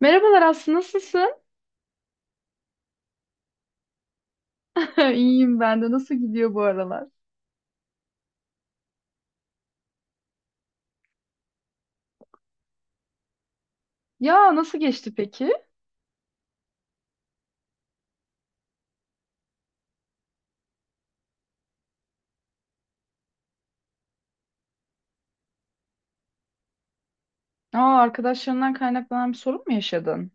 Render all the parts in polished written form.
Merhabalar Aslı, nasılsın? İyiyim ben de. Nasıl gidiyor bu aralar? Ya nasıl geçti peki? Aa, arkadaşlarından kaynaklanan bir sorun mu yaşadın?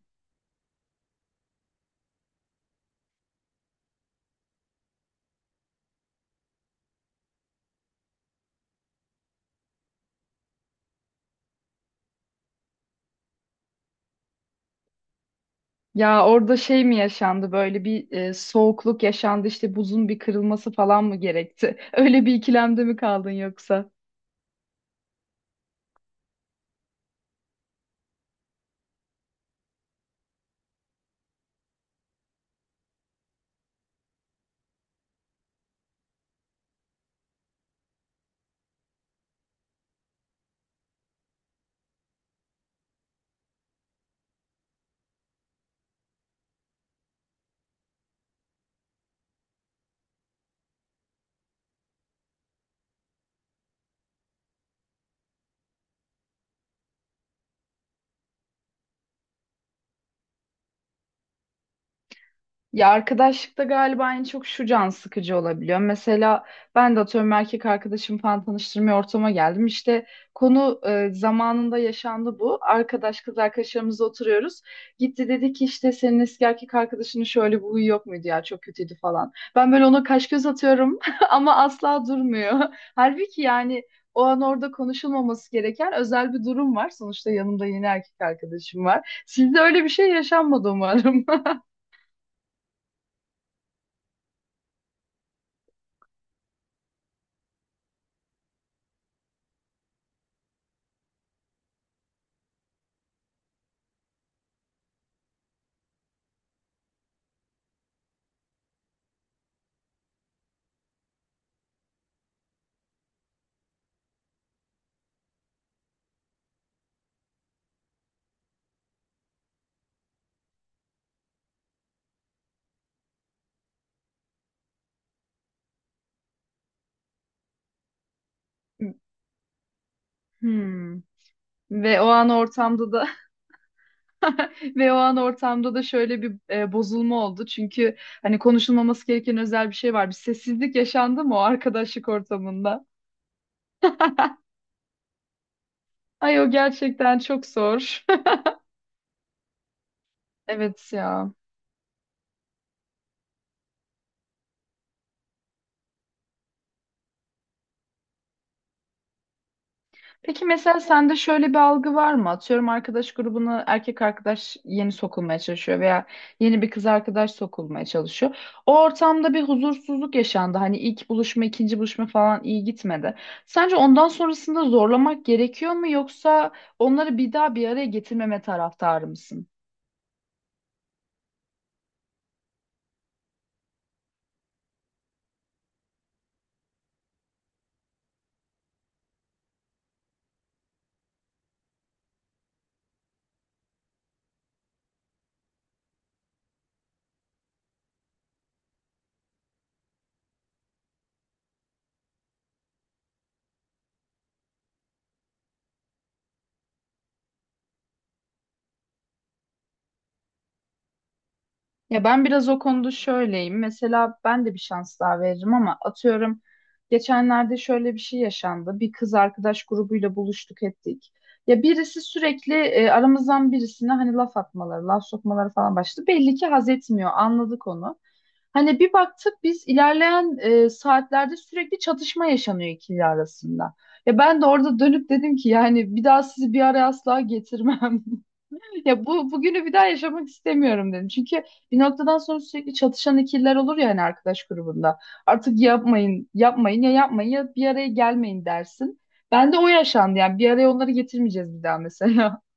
Ya orada şey mi yaşandı böyle bir soğukluk yaşandı işte buzun bir kırılması falan mı gerekti? Öyle bir ikilemde mi kaldın yoksa? Ya arkadaşlıkta galiba en çok şu can sıkıcı olabiliyor. Mesela ben de atıyorum erkek arkadaşım falan tanıştırmaya ortama geldim. İşte konu zamanında yaşandı bu. Arkadaş kız arkadaşlarımızla oturuyoruz. Gitti dedi ki işte senin eski erkek arkadaşının şöyle bir huyu yok muydu ya çok kötüydü falan. Ben böyle ona kaş göz atıyorum ama asla durmuyor. Halbuki yani o an orada konuşulmaması gereken özel bir durum var. Sonuçta yanımda yeni erkek arkadaşım var. Sizde öyle bir şey yaşanmadı umarım. Hmm. Ve o an ortamda da ve o an ortamda da şöyle bir bozulma oldu. Çünkü hani konuşulmaması gereken özel bir şey var. Bir sessizlik yaşandı mı o arkadaşlık ortamında? Ay o gerçekten çok zor. Evet ya. Peki mesela sende şöyle bir algı var mı? Atıyorum arkadaş grubuna erkek arkadaş yeni sokulmaya çalışıyor veya yeni bir kız arkadaş sokulmaya çalışıyor. O ortamda bir huzursuzluk yaşandı. Hani ilk buluşma, ikinci buluşma falan iyi gitmedi. Sence ondan sonrasında zorlamak gerekiyor mu yoksa onları bir daha bir araya getirmeme taraftarı mısın? Ya ben biraz o konuda şöyleyim. Mesela ben de bir şans daha veririm ama atıyorum geçenlerde şöyle bir şey yaşandı. Bir kız arkadaş grubuyla buluştuk ettik. Ya birisi sürekli aramızdan birisine hani laf atmaları, laf sokmaları falan başladı. Belli ki haz etmiyor. Anladık onu. Hani bir baktık biz ilerleyen saatlerde sürekli çatışma yaşanıyor ikili arasında. Ya ben de orada dönüp dedim ki yani bir daha sizi bir araya asla getirmem. Ya bu bugünü bir daha yaşamak istemiyorum dedim. Çünkü bir noktadan sonra sürekli çatışan ikililer olur ya hani arkadaş grubunda. Artık yapmayın, yapmayın ya yapmayın ya bir araya gelmeyin dersin. Ben de o yaşandı yani bir araya onları getirmeyeceğiz bir daha mesela.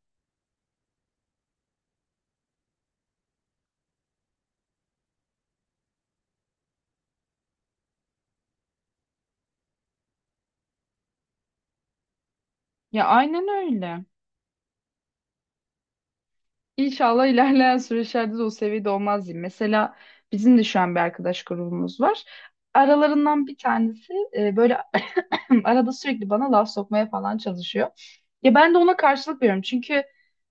Ya aynen öyle. İnşallah ilerleyen süreçlerde de o seviyede olmaz diyeyim. Mesela bizim de şu an bir arkadaş grubumuz var. Aralarından bir tanesi böyle arada sürekli bana laf sokmaya falan çalışıyor. Ya ben de ona karşılık veriyorum. Çünkü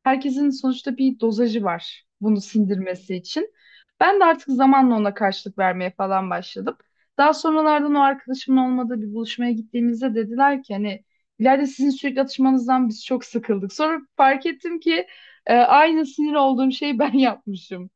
herkesin sonuçta bir dozajı var bunu sindirmesi için. Ben de artık zamanla ona karşılık vermeye falan başladım. Daha sonralardan o arkadaşımın olmadığı bir buluşmaya gittiğimizde dediler ki hani ileride sizin sürekli atışmanızdan biz çok sıkıldık. Sonra fark ettim ki aynı sinir olduğum şeyi ben yapmışım.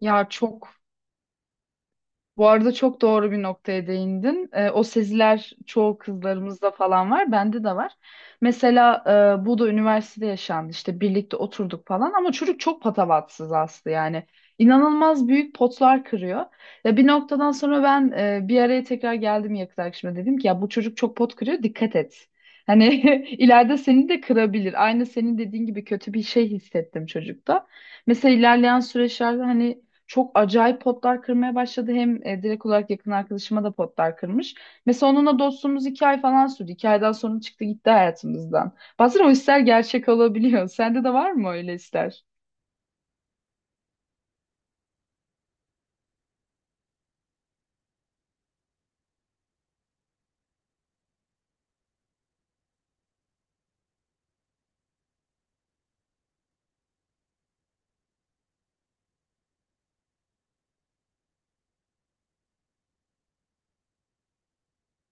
Ya çok Bu arada çok doğru bir noktaya değindin. O seziler çoğu kızlarımızda falan var, bende de var. Mesela bu da üniversitede yaşandı. İşte birlikte oturduk falan ama çocuk çok patavatsız Aslı yani. İnanılmaz büyük potlar kırıyor. Ya bir noktadan sonra ben bir araya tekrar geldim yakın arkadaşıma dedim ki ya bu çocuk çok pot kırıyor dikkat et. Hani ileride seni de kırabilir. Aynı senin dediğin gibi kötü bir şey hissettim çocukta. Mesela ilerleyen süreçlerde hani çok acayip potlar kırmaya başladı. Hem direkt olarak yakın arkadaşıma da potlar kırmış. Mesela onunla dostluğumuz iki ay falan sürdü. İki aydan sonra çıktı gitti hayatımızdan. Bazen o ister gerçek olabiliyor. Sende de var mı öyle ister?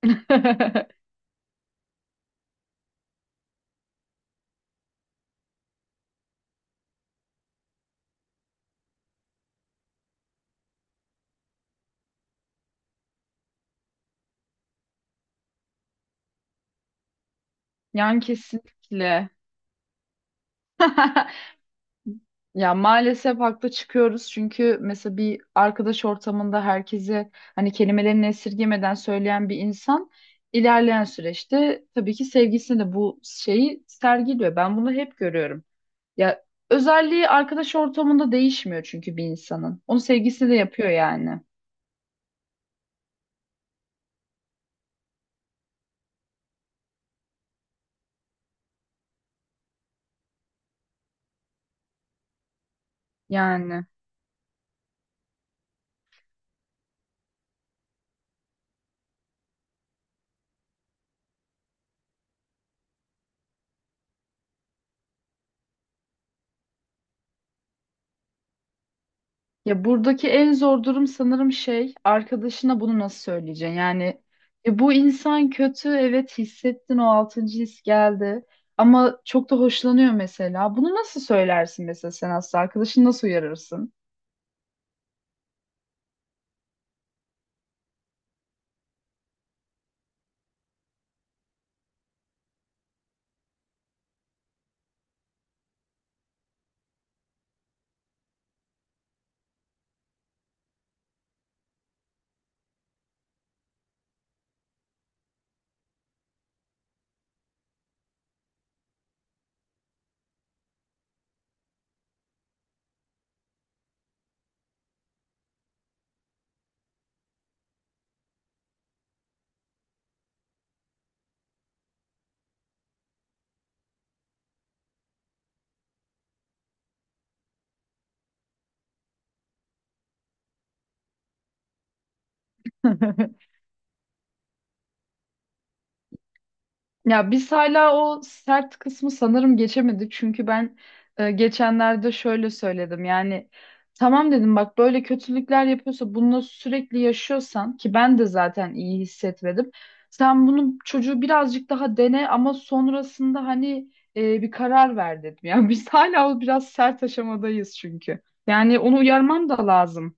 Yani kesinlikle. Ya maalesef haklı çıkıyoruz çünkü mesela bir arkadaş ortamında herkese hani kelimelerini esirgemeden söyleyen bir insan ilerleyen süreçte tabii ki sevgisine de bu şeyi sergiliyor. Ben bunu hep görüyorum. Ya özelliği arkadaş ortamında değişmiyor çünkü bir insanın. Onu sevgisi de yapıyor yani. Yani ya buradaki en zor durum sanırım şey arkadaşına bunu nasıl söyleyeceksin? Yani ya bu insan kötü evet hissettin o altıncı his geldi ama çok da hoşlanıyor mesela. Bunu nasıl söylersin mesela sen aslında arkadaşını nasıl uyarırsın? Ya biz hala o sert kısmı sanırım geçemedik. Çünkü ben geçenlerde şöyle söyledim. Yani tamam dedim bak böyle kötülükler yapıyorsa bunu sürekli yaşıyorsan ki ben de zaten iyi hissetmedim. Sen bunun çocuğu birazcık daha dene ama sonrasında hani bir karar ver dedim. Yani biz hala o biraz sert aşamadayız çünkü. Yani onu uyarmam da lazım.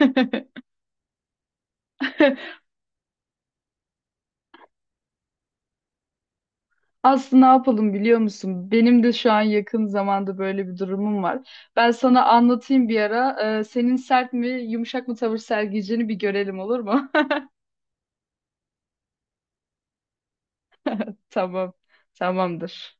Aslında ne yapalım biliyor musun? Benim de şu an yakın zamanda böyle bir durumum var. Ben sana anlatayım bir ara. Senin sert mi, yumuşak mı tavır sergileyeceğini bir görelim olur mu? Tamam. Tamamdır.